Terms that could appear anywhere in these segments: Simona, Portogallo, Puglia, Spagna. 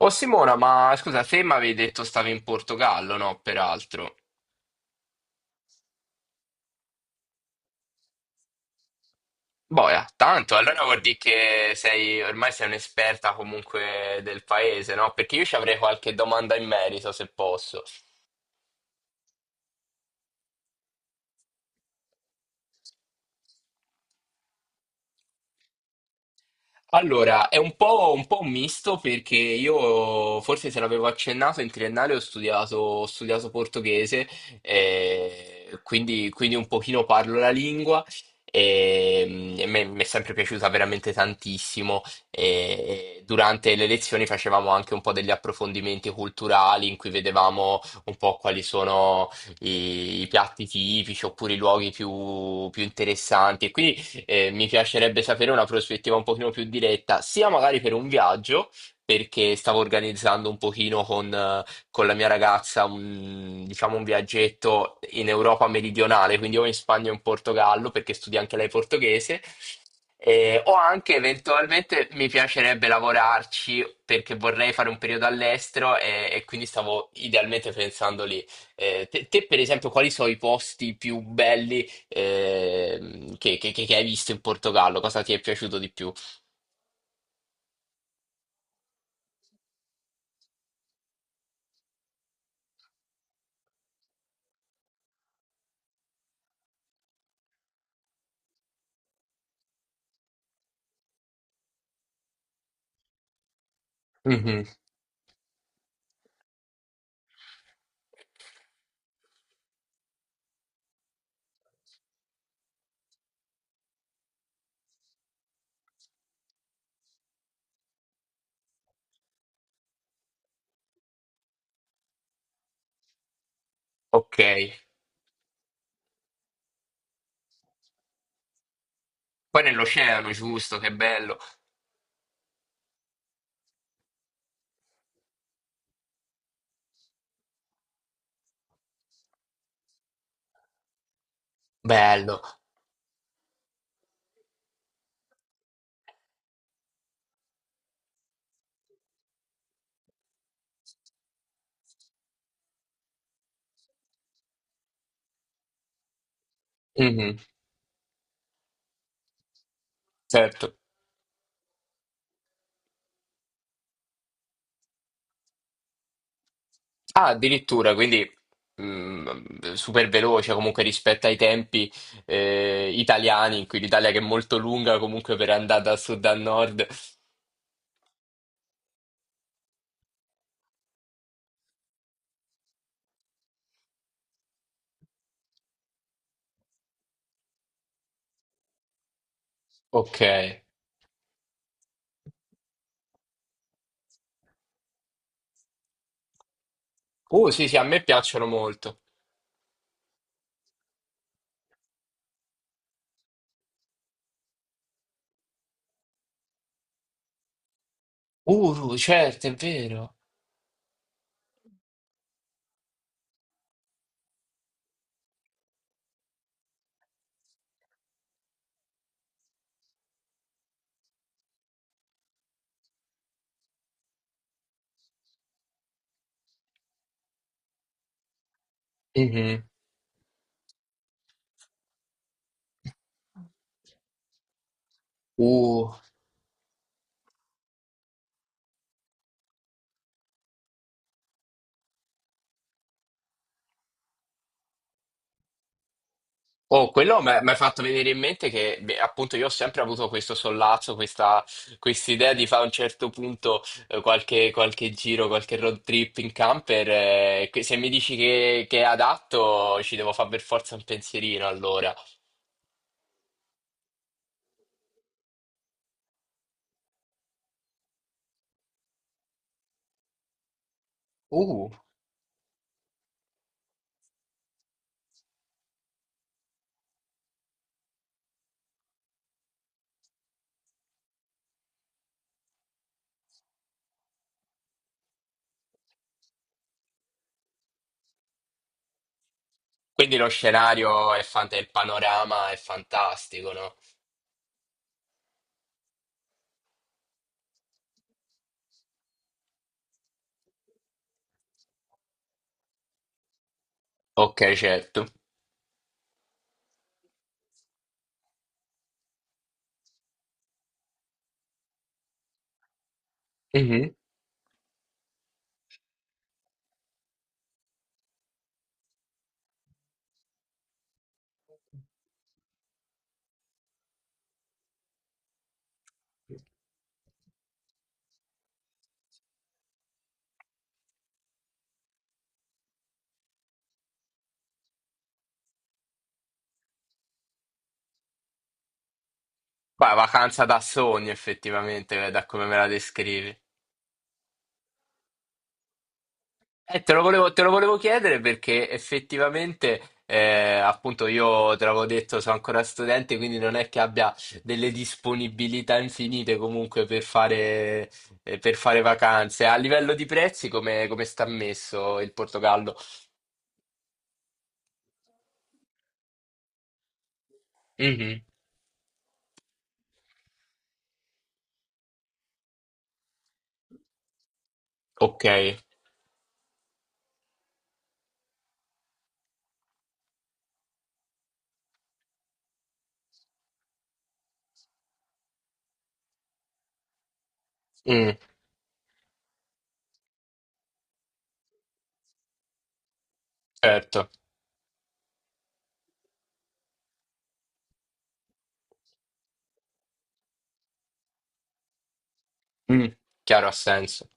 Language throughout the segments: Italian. Oh Simona, ma scusa, te mi avevi detto stavi in Portogallo, no? Peraltro. Boia, tanto, allora vuol dire che sei, ormai sei un'esperta comunque del paese, no? Perché io ci avrei qualche domanda in merito, se posso. Allora, è un po' un misto perché io, forse se l'avevo accennato, in triennale ho studiato portoghese, quindi un pochino parlo la lingua mi è sempre piaciuta veramente tantissimo. E durante le lezioni facevamo anche un po' degli approfondimenti culturali in cui vedevamo un po' quali sono i piatti tipici oppure i luoghi più interessanti. E quindi mi piacerebbe sapere una prospettiva un pochino più diretta, sia magari per un viaggio, perché stavo organizzando un pochino con la mia ragazza un, diciamo, un viaggetto in Europa meridionale, quindi o in Spagna o in Portogallo, perché studia anche lei portoghese. O anche eventualmente mi piacerebbe lavorarci perché vorrei fare un periodo all'estero e quindi stavo idealmente pensando lì. Te, per esempio, quali sono i posti più belli che hai visto in Portogallo? Cosa ti è piaciuto di più? Mhm. Ok. Poi nell'oceano, giusto, che bello. Bello. Mhm. Certo. Ah, addirittura, quindi super veloce comunque rispetto ai tempi italiani, in cui l'Italia che è molto lunga comunque per andare da sud a nord. Ok. Sì, sì, a me piacciono molto. Certo, è vero. Mhm. Uh. Oh, quello mi ha fatto venire in mente che beh, appunto io ho sempre avuto questo sollazzo, questa idea di fare a un certo punto qualche giro, qualche road trip in camper. Che se mi dici che è adatto, ci devo fare per forza un pensierino allora. Uh, quindi lo scenario è il panorama è fantastico, no? Ok, certo. Mhm. Poi vacanza da sogno, effettivamente, da come me la descrivi. Te lo volevo chiedere perché effettivamente, appunto, io te l'avevo detto, sono ancora studente, quindi non è che abbia delle disponibilità infinite comunque per fare vacanze. A livello di prezzi, come sta messo il Portogallo? Mhm. Ok. Mm, certo. Mm, chiaro ha senso.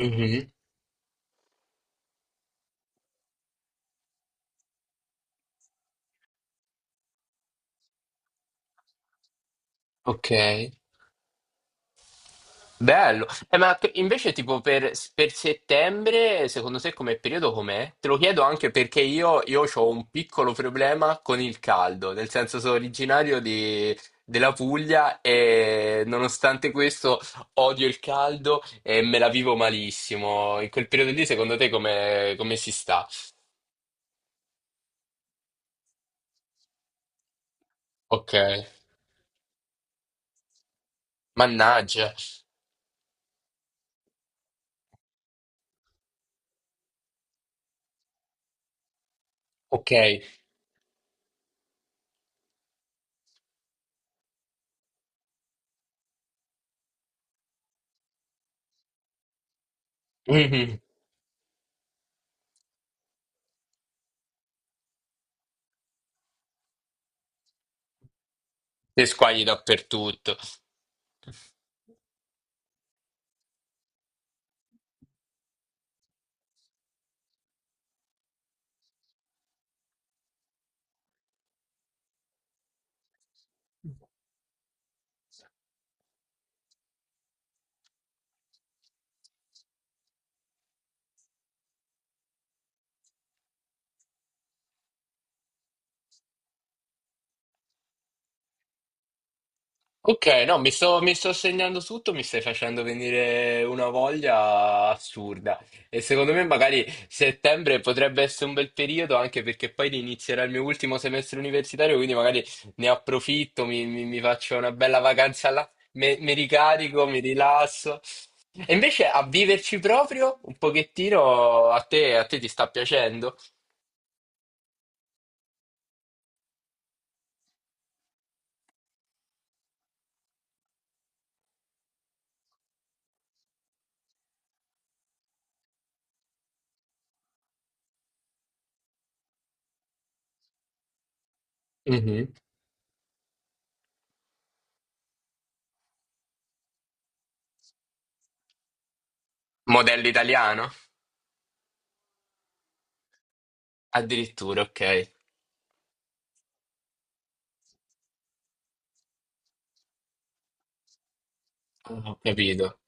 Mhm. Ok. Bello. Ma invece tipo per settembre, secondo te come periodo com'è? Te lo chiedo anche perché io, ho un piccolo problema con il caldo, nel senso sono della Puglia e nonostante questo odio il caldo e me la vivo malissimo. In quel periodo lì, secondo te come si sta? Ok. Mannaggia. Ok. Mhm. Te squagli dappertutto. Ok, no, mi sto segnando tutto, mi stai facendo venire una voglia assurda. E secondo me magari settembre potrebbe essere un bel periodo, anche perché poi inizierà il mio ultimo semestre universitario, quindi magari ne approfitto, mi faccio una bella vacanza là, mi ricarico, mi rilasso. E invece a viverci proprio un pochettino, a te ti sta piacendo? Mhm. Modello italiano? Addirittura, ok. Ho capito.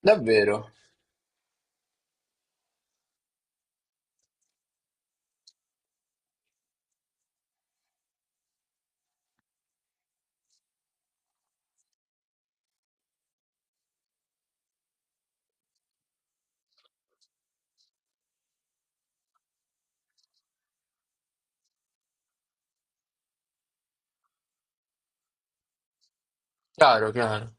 Davvero? Chiaro, chiaro.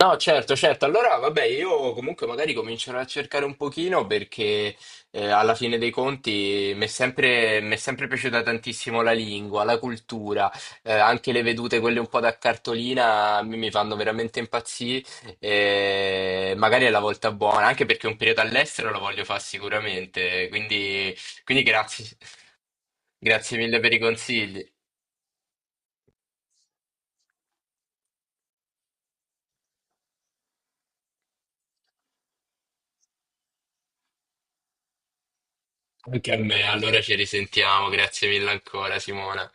No, certo, certo. Allora, vabbè, io comunque magari comincerò a cercare un pochino perché alla fine dei conti mi è sempre piaciuta tantissimo la lingua, la cultura, anche le vedute, quelle un po' da cartolina, mi fanno veramente impazzire. Eh, magari è la volta buona, anche perché un periodo all'estero lo voglio fare sicuramente. Quindi grazie, grazie mille per i consigli. Anche a me, allora ci risentiamo. Grazie mille ancora, Simona.